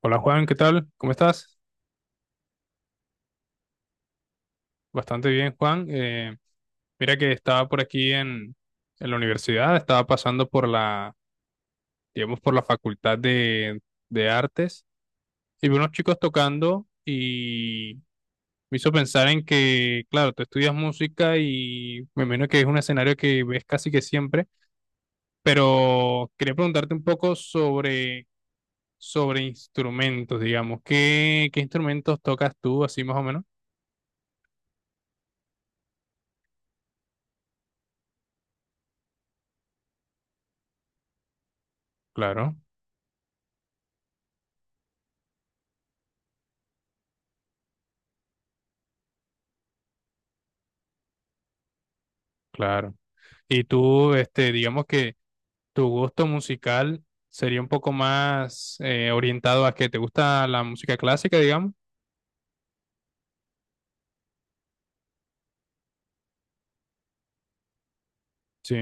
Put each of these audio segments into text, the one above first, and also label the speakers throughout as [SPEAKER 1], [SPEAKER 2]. [SPEAKER 1] Hola Juan, ¿qué tal? ¿Cómo estás? Bastante bien, Juan. Mira que estaba por aquí en la universidad, estaba pasando por digamos, por la facultad de artes y vi unos chicos tocando y me hizo pensar en que, claro, tú estudias música y me imagino que es un escenario que ves casi que siempre, pero quería preguntarte un poco sobre instrumentos, digamos. ¿Qué instrumentos tocas tú, así más o menos? Claro, claro. Y tú, este, digamos que tu gusto musical sería un poco más orientado a que te gusta la música clásica, digamos. Sí,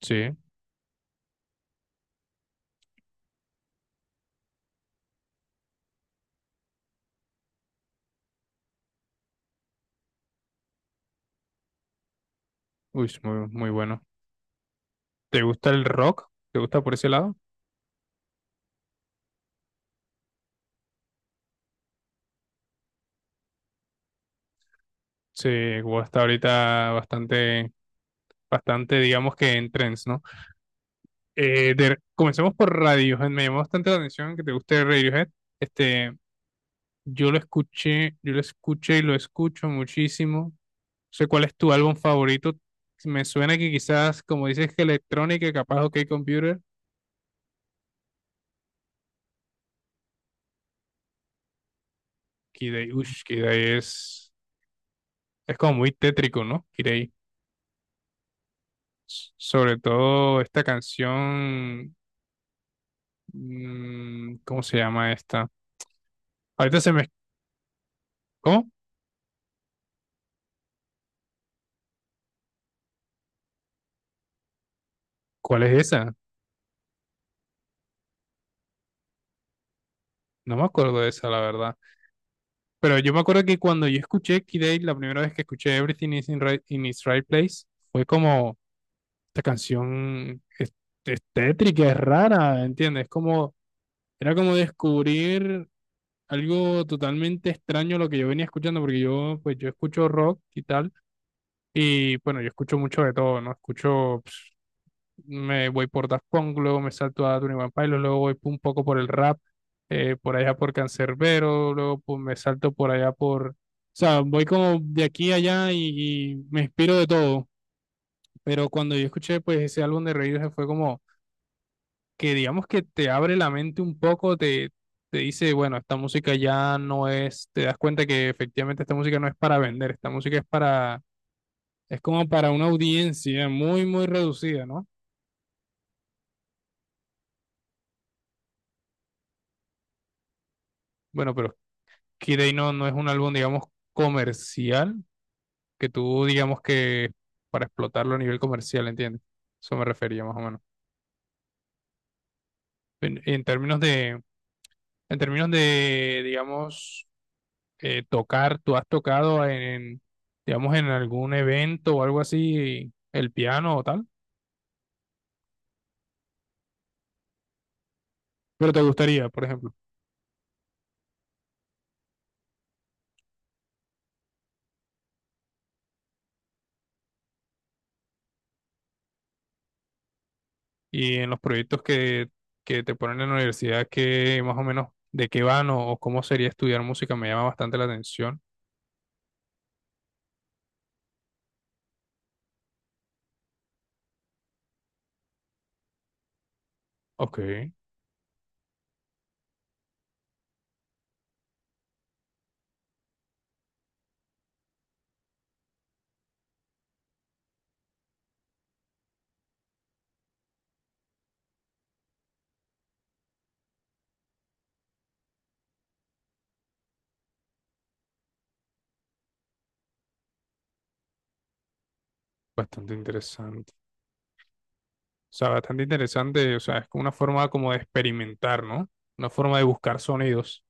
[SPEAKER 1] sí. Uy, es muy bueno. ¿Te gusta el rock? ¿Te gusta por ese lado? Sí, guau, está ahorita bastante, digamos que en trends, ¿no? Comencemos por Radiohead. Me llamó bastante la atención que te guste Radiohead. Este, yo lo escuché y lo escucho muchísimo. No sé cuál es tu álbum favorito. Me suena que quizás, como dices, que electrónica, capaz OK Computer. Kid uff, es como muy tétrico, ¿no? Kid A. Sobre todo esta canción. ¿Cómo se llama esta? Ahorita se me. ¿Cómo? ¿Cuál es esa? No me acuerdo de esa, la verdad. Pero yo me acuerdo que cuando yo escuché Kid A, la primera vez que escuché Everything is in, Right- in its Right Place, fue como. esta canción es, es tétrica, es rara, ¿entiendes? Como, era como descubrir algo totalmente extraño a lo que yo venía escuchando, porque yo, pues yo escucho rock y tal, y bueno, yo escucho mucho de todo, ¿no? Escucho, pues, me voy por Daft Punk, luego me salto a Tony One Pilots, luego voy un poco por el rap, por allá por Cancerbero, luego pues, me salto por allá por, o sea, voy como de aquí a allá y me inspiro de todo, pero cuando yo escuché pues ese álbum de Radiohead fue como que digamos que te abre la mente un poco, te dice, bueno, esta música ya no es, te das cuenta que efectivamente esta música no es para vender, esta música es para, es como para una audiencia muy reducida, ¿no? Bueno, pero Kid A no es un álbum, digamos, comercial, que tú digamos que para explotarlo a nivel comercial, ¿entiendes? Eso me refería más o menos. En términos en términos de, digamos, tocar, tú has tocado en, digamos, en algún evento o algo así, el piano o tal, pero te gustaría, por ejemplo, y en los proyectos que te ponen en la universidad, que más o menos de qué van o cómo sería estudiar música, me llama bastante la atención. Ok, bastante interesante. O sea, bastante interesante, o sea, es como una forma como de experimentar, ¿no? Una forma de buscar sonidos.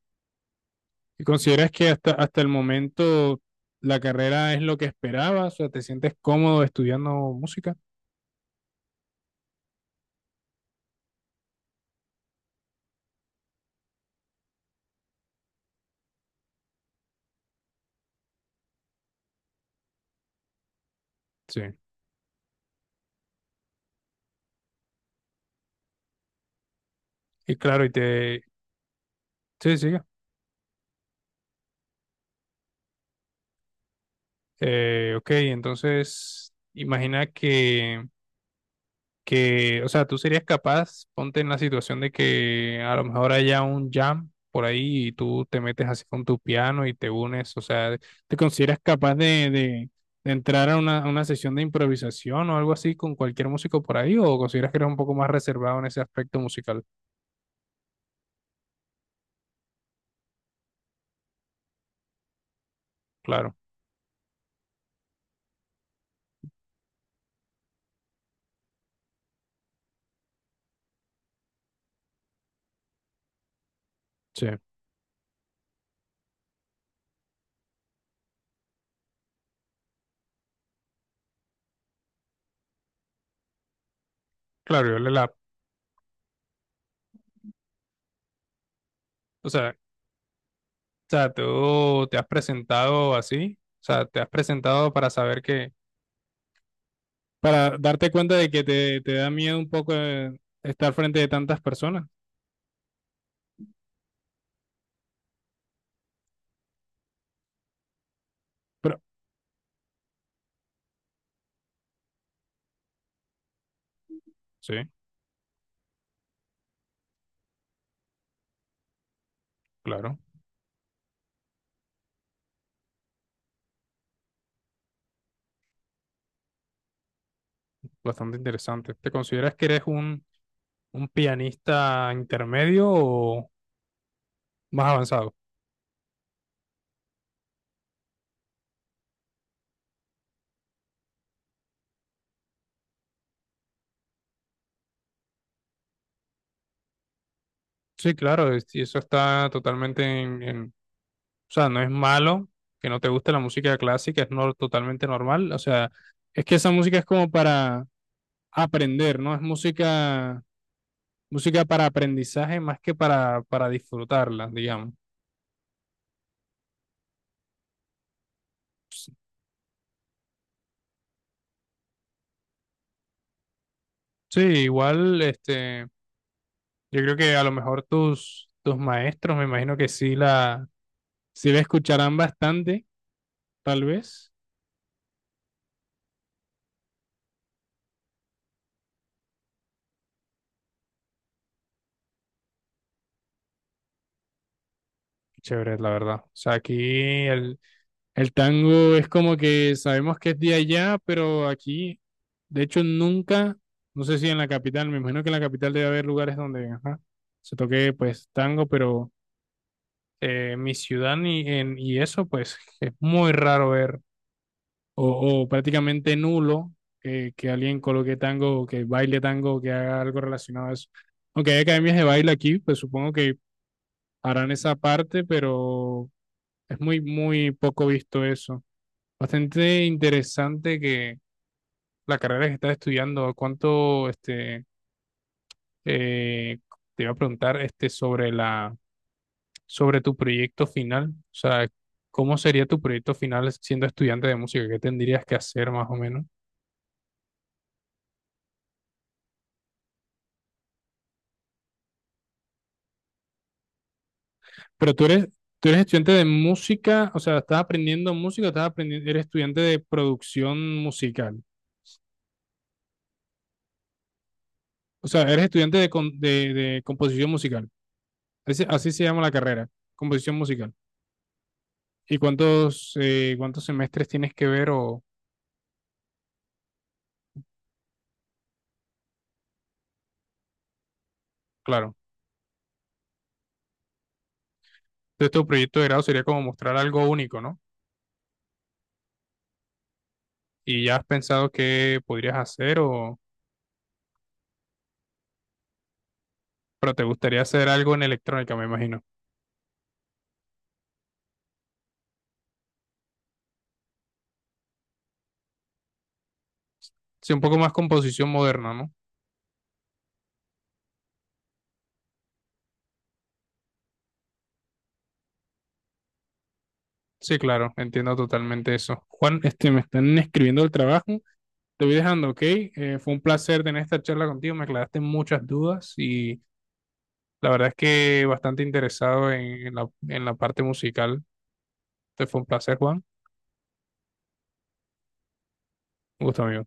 [SPEAKER 1] ¿Y consideras que hasta el momento la carrera es lo que esperabas? O sea, ¿te sientes cómodo estudiando música? Sí. Y claro, y te... Sí, siga. Ok, entonces imagina que, o sea, tú serías capaz, ponte en la situación de que a lo mejor haya un jam por ahí y tú te metes así con tu piano y te unes, o sea, ¿te consideras capaz de entrar a a una sesión de improvisación o algo así con cualquier músico por ahí o consideras que eres un poco más reservado en ese aspecto musical? Claro, sí, claro, yo le la, o sea, tú te has presentado así, o sea, te has presentado para saber que para darte cuenta de que te da miedo un poco estar frente de tantas personas. Pero sí, claro, bastante interesante. ¿Te consideras que eres un pianista intermedio o más avanzado? Sí, claro, y eso está totalmente o sea, no es malo que no te guste la música clásica, es no, totalmente normal. O sea, es que esa música es como para aprender, ¿no? Es música, música para aprendizaje más que para disfrutarla, digamos. Sí, igual, este, yo creo que a lo mejor tus maestros, me imagino que sí sí la escucharán bastante, tal vez. Chévere, la verdad. O sea, aquí el tango es como que sabemos que es de allá, pero aquí, de hecho, nunca, no sé si en la capital, me imagino que en la capital debe haber lugares donde ajá, se toque pues tango, pero mi ciudad y eso, pues es muy raro ver o prácticamente nulo que alguien coloque tango o que baile tango o que haga algo relacionado a eso. Aunque hay academias de baile aquí, pues supongo que harán esa parte, pero es muy poco visto eso. Bastante interesante que la carrera que estás estudiando, ¿cuánto este, eh, te iba a preguntar este, sobre sobre tu proyecto final? O sea, ¿cómo sería tu proyecto final siendo estudiante de música? ¿Qué tendrías que hacer más o menos? Pero tú eres, tú eres estudiante de música, o sea, estás aprendiendo música, estás aprendiendo, eres estudiante de producción musical. O sea, eres estudiante de composición musical. Así se llama la carrera, composición musical. ¿Y cuántos, cuántos semestres tienes que ver? O, claro, entonces tu proyecto de grado sería como mostrar algo único, ¿no? Y ya has pensado qué podrías hacer o, pero te gustaría hacer algo en electrónica, me imagino. Sí, un poco más composición moderna, ¿no? Sí, claro, entiendo totalmente eso. Juan, este, me están escribiendo el trabajo. Te voy dejando, ¿ok? Fue un placer tener esta charla contigo. Me aclaraste muchas dudas y la verdad es que bastante interesado en la parte musical. Te fue un placer, Juan. Un gusto, amigo.